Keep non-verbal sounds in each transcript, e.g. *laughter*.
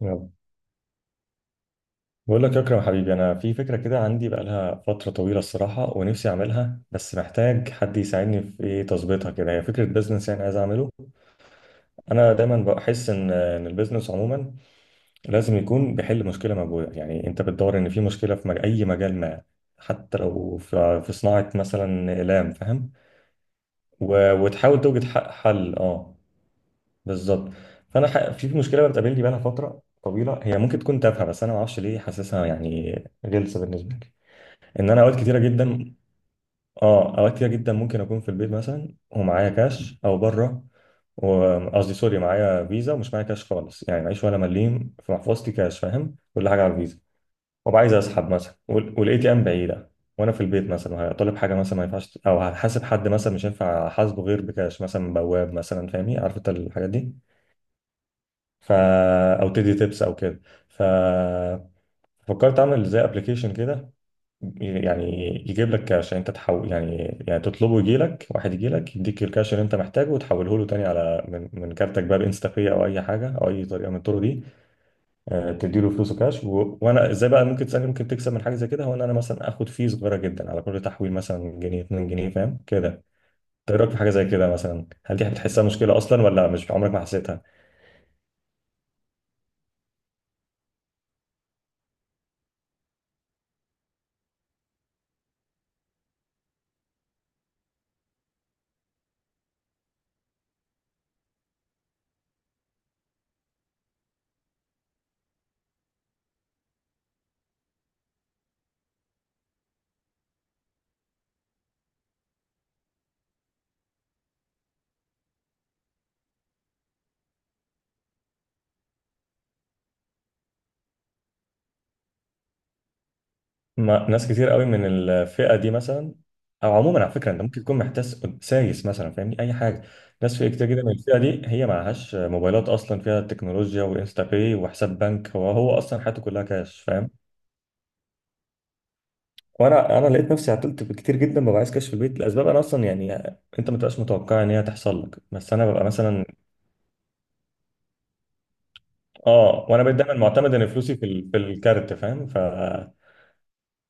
يلا، بقول لك يا اكرم حبيبي، انا في فكره كده عندي بقالها فتره طويله الصراحه ونفسي اعملها، بس محتاج حد يساعدني في ايه، تظبيطها كده. هي فكره بزنس يعني عايز اعمله. انا دايما بحس ان البزنس عموما لازم يكون بيحل مشكله موجوده، يعني انت بتدور ان في مشكله في اي مجال ما، حتى لو في صناعه مثلا اقلام، فاهم؟ وتحاول توجد حل، اه. بالظبط. فانا في مشكله بتقابلني بقالها فتره طويله، هي ممكن تكون تافهه بس انا ما اعرفش ليه حاسسها يعني غلسه بالنسبه لي. ان انا اوقات كتيره جدا، اه اوقات كتيره جدا ممكن اكون في البيت مثلا ومعايا كاش او بره، وقصدي سوري معايا فيزا ومش معايا كاش خالص، يعني معيش ولا مليم في محفظتي كاش، فاهم؟ كل حاجه على الفيزا، وابقى عايز اسحب مثلا والاي تي ام بعيده. وانا في البيت مثلا هطلب حاجه مثلا ما ينفعش، او هحاسب حد مثلا مش هينفع احاسبه غير بكاش، مثلا من بواب مثلا، فاهمني؟ عارف انت الحاجات دي. ف، او تدي تيبس او كده. ف، فكرت اعمل زي ابلكيشن كده يعني يجيب لك كاش، يعني انت تحول، يعني يعني تطلبه يجي لك واحد، يجي لك يديك الكاش اللي انت محتاجه وتحوله له تاني على من كارتك بقى، بانستا باي او اي حاجه، او اي طريقه من الطرق دي. آه، تديله فلوسه كاش وانا ازاي بقى ممكن تسالني ممكن تكسب من حاجه زي كده؟ هو ان انا مثلا اخد فيه صغيره جدا على كل تحويل، مثلا جنيه 2 جنيه، فاهم كده؟ إنت ايه رايك في حاجه زي كده مثلا؟ هل دي بتحسها مشكله اصلا ولا مش عمرك ما حسيتها؟ ما ناس كتير قوي من الفئه دي مثلا. او عموما على فكره انت ممكن تكون محتاس سايس مثلا، فاهمني؟ اي حاجه. ناس فئة كتير جدا من الفئه دي هي معهاش موبايلات اصلا فيها تكنولوجيا وانستا باي وحساب بنك، هو اصلا حياته كلها كاش، فاهم؟ وانا لقيت نفسي عطلت كتير جدا، ببقى عايز كاش في البيت لاسباب انا اصلا يعني انت ما تبقاش متوقع ان هي تحصل لك، بس انا ببقى مثلا، اه. وانا بقيت دايما معتمد ان فلوسي في في الكارت، فاهم؟ ف،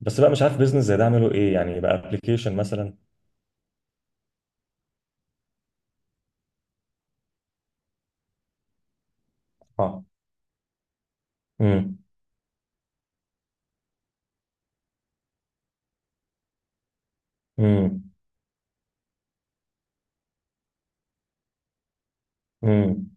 بس بقى مش عارف بيزنس زي ده اعمله ايه يعني، بقى ابلكيشن مثلا. اه. امم. امم.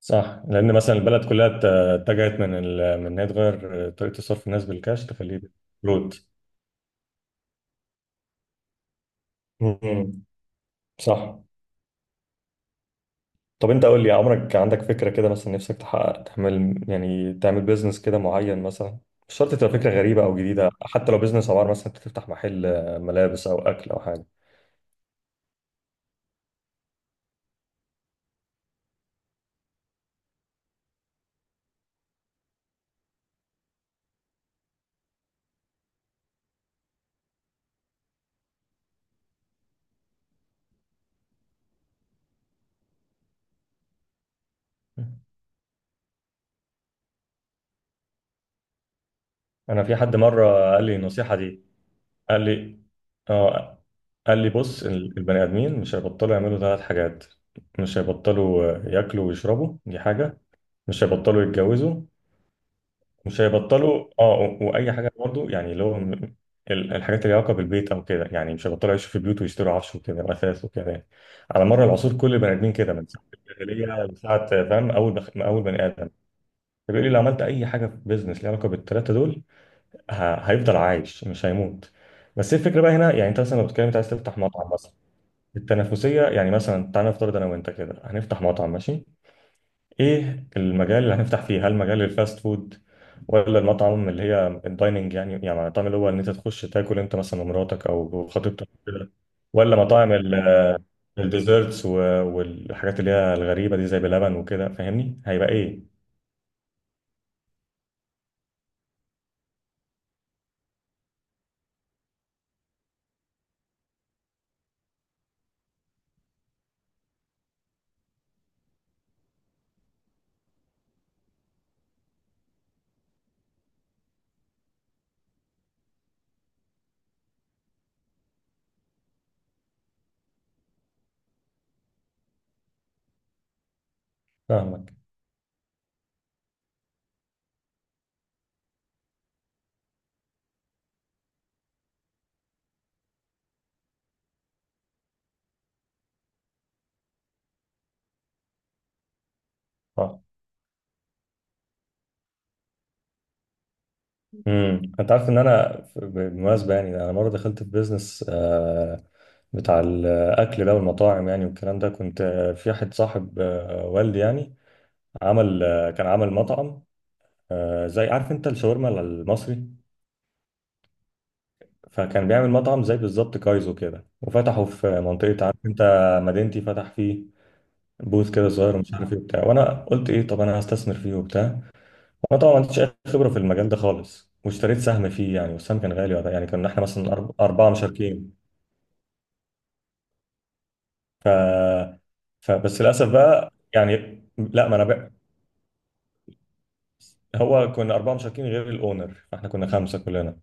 صح، لان مثلا البلد كلها اتجهت من من ان هي تغير طريقه صرف الناس بالكاش، تخليه بالكروت. امم. صح. طب انت قول لي، عمرك عندك فكره كده مثلا نفسك تحقق، تعمل يعني تعمل بيزنس كده معين مثلا؟ مش شرط تبقى فكره غريبه او جديده، حتى لو بيزنس عباره مثلا انت تفتح محل ملابس او اكل او حاجه. انا في حد مره قال لي النصيحه دي، قال لي، اه، قال لي بص، البني ادمين مش هيبطلوا يعملوا ثلاث حاجات: مش هيبطلوا آه، ياكلوا ويشربوا، دي حاجه. مش هيبطلوا يتجوزوا. مش هيبطلوا اه، واي حاجه برضو يعني اللي هو الحاجات اللي ليها علاقه بالبيت او كده، يعني مش هيبطلوا يعيشوا في بيوت ويشتروا عفش وكده واثاث وكده يعني. على مر العصور كل البني ادمين كده، من ساعه الجاهليه لساعه آه، فاهم، اول بني ادم. فبيقول لي لو عملت اي حاجه في بيزنس ليها علاقه بالثلاثه دول، هيفضل عايش مش هيموت. بس إيه الفكره بقى هنا يعني، انت مثلا لو بتتكلم انت عايز تفتح مطعم مثلا، التنافسيه يعني. مثلا تعالى نفترض انا وانت كده هنفتح مطعم، ماشي؟ ايه المجال اللي هنفتح فيه؟ هل مجال الفاست فود ولا المطعم اللي هي الدايننج يعني، يعني المطعم اللي هو ان انت تخش تاكل انت مثلا ومراتك او خطيبتك كده؟ ولا مطاعم الديزرتس والحاجات اللي هي الغريبه دي زي بلبن وكده، فاهمني؟ هيبقى ايه؟ فاهمك. اه. امم، انت عارف ان انا بالمناسبه يعني، انا مره دخلت في بيزنس آه، بتاع الاكل ده والمطاعم يعني والكلام ده. كنت آه، في واحد صاحب آه، والدي يعني، عمل آه، كان عمل مطعم آه، زي، عارف انت الشاورما المصري؟ فكان بيعمل مطعم زي بالظبط كايزو كده، وفتحه في منطقه، عارف انت مدينتي؟ فتح فيه بوث كده صغير ومش عارف ايه وبتاع، وانا قلت ايه طب انا هستثمر فيه وبتاع. انا طبعا ما عنديش اي خبره في المجال ده خالص، واشتريت سهم فيه يعني، والسهم كان غالي وقتها، يعني كنا احنا مثلا اربعه مشاركين. ف... فبس للاسف بقى يعني. لا، ما انا بقى، هو كنا اربعه مشاركين غير الاونر، فاحنا كنا خمسه كلنا.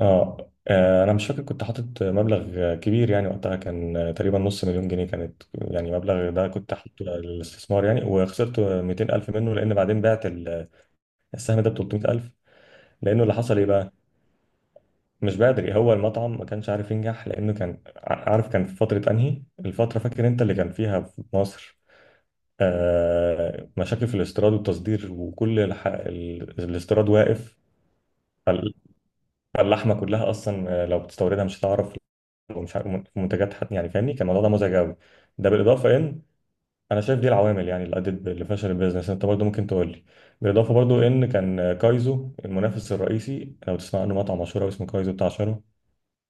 اه آه، انا مش فاكر، كنت حاطط مبلغ كبير يعني وقتها، كان تقريبا ½ مليون جنيه كانت يعني، مبلغ ده كنت حاطه للاستثمار يعني. وخسرت 200000 منه، لان بعدين بعت السهم ده ب 300000، لانه اللي حصل ايه بقى. مش بدري، هو المطعم ما كانش عارف ينجح، لانه كان عارف كان في فتره، انهي الفتره فاكر انت اللي كان فيها في مصر آه مشاكل في الاستيراد والتصدير، وكل الاستيراد واقف. فال- فاللحمه كلها اصلا آه، لو بتستوردها مش هتعرف، ومش عارف منتجات يعني، فاهمني؟ كان الموضوع ده مزعج قوي. ده بالاضافه ان انا شايف دي العوامل يعني اللي ادت اللي فشل البيزنس، انت برضو ممكن تقول لي. بالاضافه برضو ان كان آه، كايزو المنافس الرئيسي، لو تسمع عنه مطعم مشهور أوي اسمه كايزو بتاع شارو،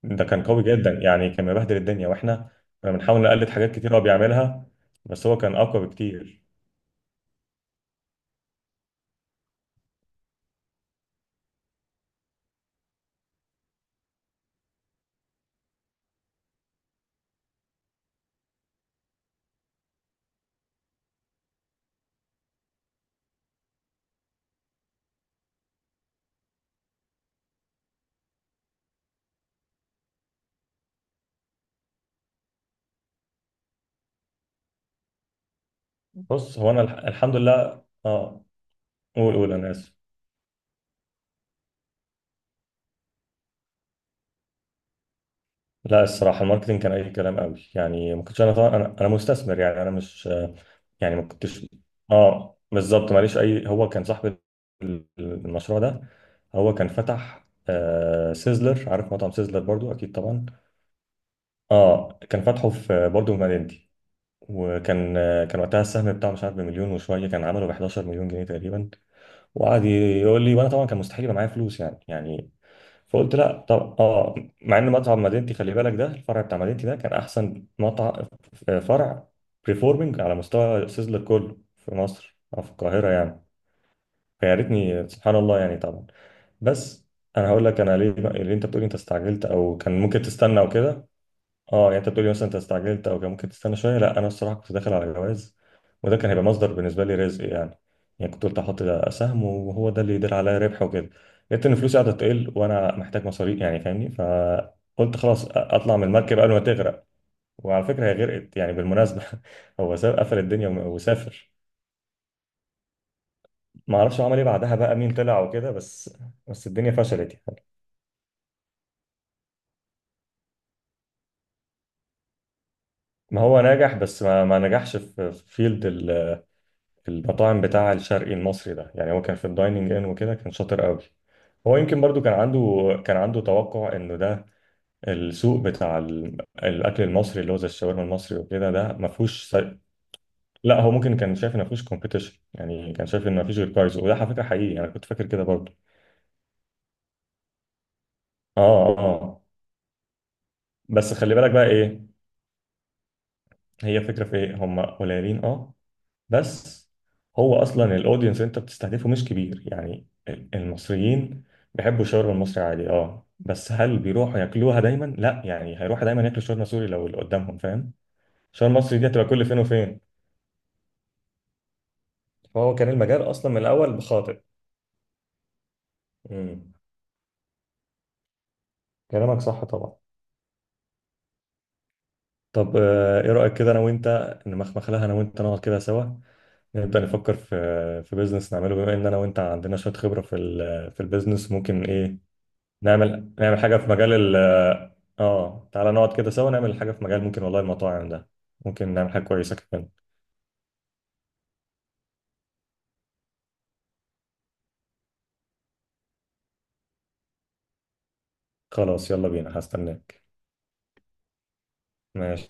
ده كان قوي جدا يعني، كان مبهدل الدنيا، واحنا كنا بنحاول نقلد حاجات كتير هو بيعملها، بس هو كان اقوى بكتير. بص هو انا الحمد لله، اه. قول قول، انا اسف. لا الصراحه الماركتينج كان اي كلام قوي يعني، ما كنتش انا طبعا، انا انا مستثمر يعني انا مش يعني ما كنتش، اه بالظبط، ماليش اي، هو كان صاحب المشروع ده. هو كان فتح آه سيزلر، عارف مطعم سيزلر برضو اكيد طبعا. اه، كان فاتحه في آه، برضو في مدينتي. وكان، كان وقتها السهم بتاعه مش عارف بمليون وشويه، كان عمله ب 11 مليون جنيه تقريبا، وقعد يقول لي، وانا طبعا كان مستحيل يبقى معايا فلوس يعني، يعني فقلت لا طب اه. مع ان مطعم مدينتي خلي بالك، ده الفرع بتاع مدينتي ده كان احسن مطعم آه، فرع بريفورمينج على مستوى سيزلر كله في مصر او في القاهره يعني. فيا ريتني، سبحان الله يعني طبعا، بس. انا هقول لك انا ليه، ليه انت بتقولي انت استعجلت او كان ممكن تستنى وكده، اه يعني انت بتقولي مثلا انت استعجلت او كان ممكن تستنى شويه. لا، انا الصراحه كنت داخل على جواز، وده كان هيبقى مصدر بالنسبه لي رزق يعني، يعني كنت قلت احط ده سهم وهو ده اللي يدير عليا ربح وكده. لقيت ان فلوسي قاعده تقل وانا محتاج مصاريف يعني، فاهمني؟ فقلت خلاص اطلع من المركب قبل ما تغرق. وعلى فكره هي غرقت يعني بالمناسبه. *laughs* هو ساب قفل الدنيا وسافر، ما اعرفش هو عمل ايه بعدها بقى، مين طلع وكده، بس بس الدنيا فشلت يعني. ما هو نجح، بس ما نجحش في فيلد المطاعم بتاع الشرقي المصري ده يعني، هو كان في الدايننج ان وكده كان شاطر قوي. هو يمكن برضو كان عنده، كان عنده توقع انه ده السوق بتاع الاكل المصري اللي هو زي الشاورما المصري وكده، ده ما فيهوش لا هو ممكن كان شايف ان ما فيهوش كومبيتيشن يعني، كان شايف ان ما فيش غير كايزو، وده على فكره حقيقي انا كنت فاكر كده برضو. اه اه. بس خلي بالك بقى ايه هي فكره في ايه، هم قليلين اه بس. هو اصلا الاودينس انت بتستهدفه مش كبير يعني، المصريين بيحبوا الشاورما المصري عادي اه، بس هل بيروحوا ياكلوها دايما؟ لا يعني، هيروحوا دايما ياكلوا شاورما سوري لو اللي قدامهم، فاهم؟ الشاورما المصري دي هتبقى كل فين وفين. فهو كان المجال اصلا من الاول بخاطئ. امم. كلامك صح طبعا. طب آه، ايه رايك كده انا وانت نمخمخ لها، انا وانت نقعد كده سوا، نبدا نفكر في بيزنس نعمله، بما ان انا وانت عندنا شويه خبره في في البيزنس ممكن ايه نعمل، نعمل حاجة في مجال ال، اه تعالى نقعد كده سوا نعمل حاجة في مجال، ممكن والله المطاعم ده، ممكن نعمل حاجة كويسة كمان. خلاص يلا بينا، هستناك. ماشي.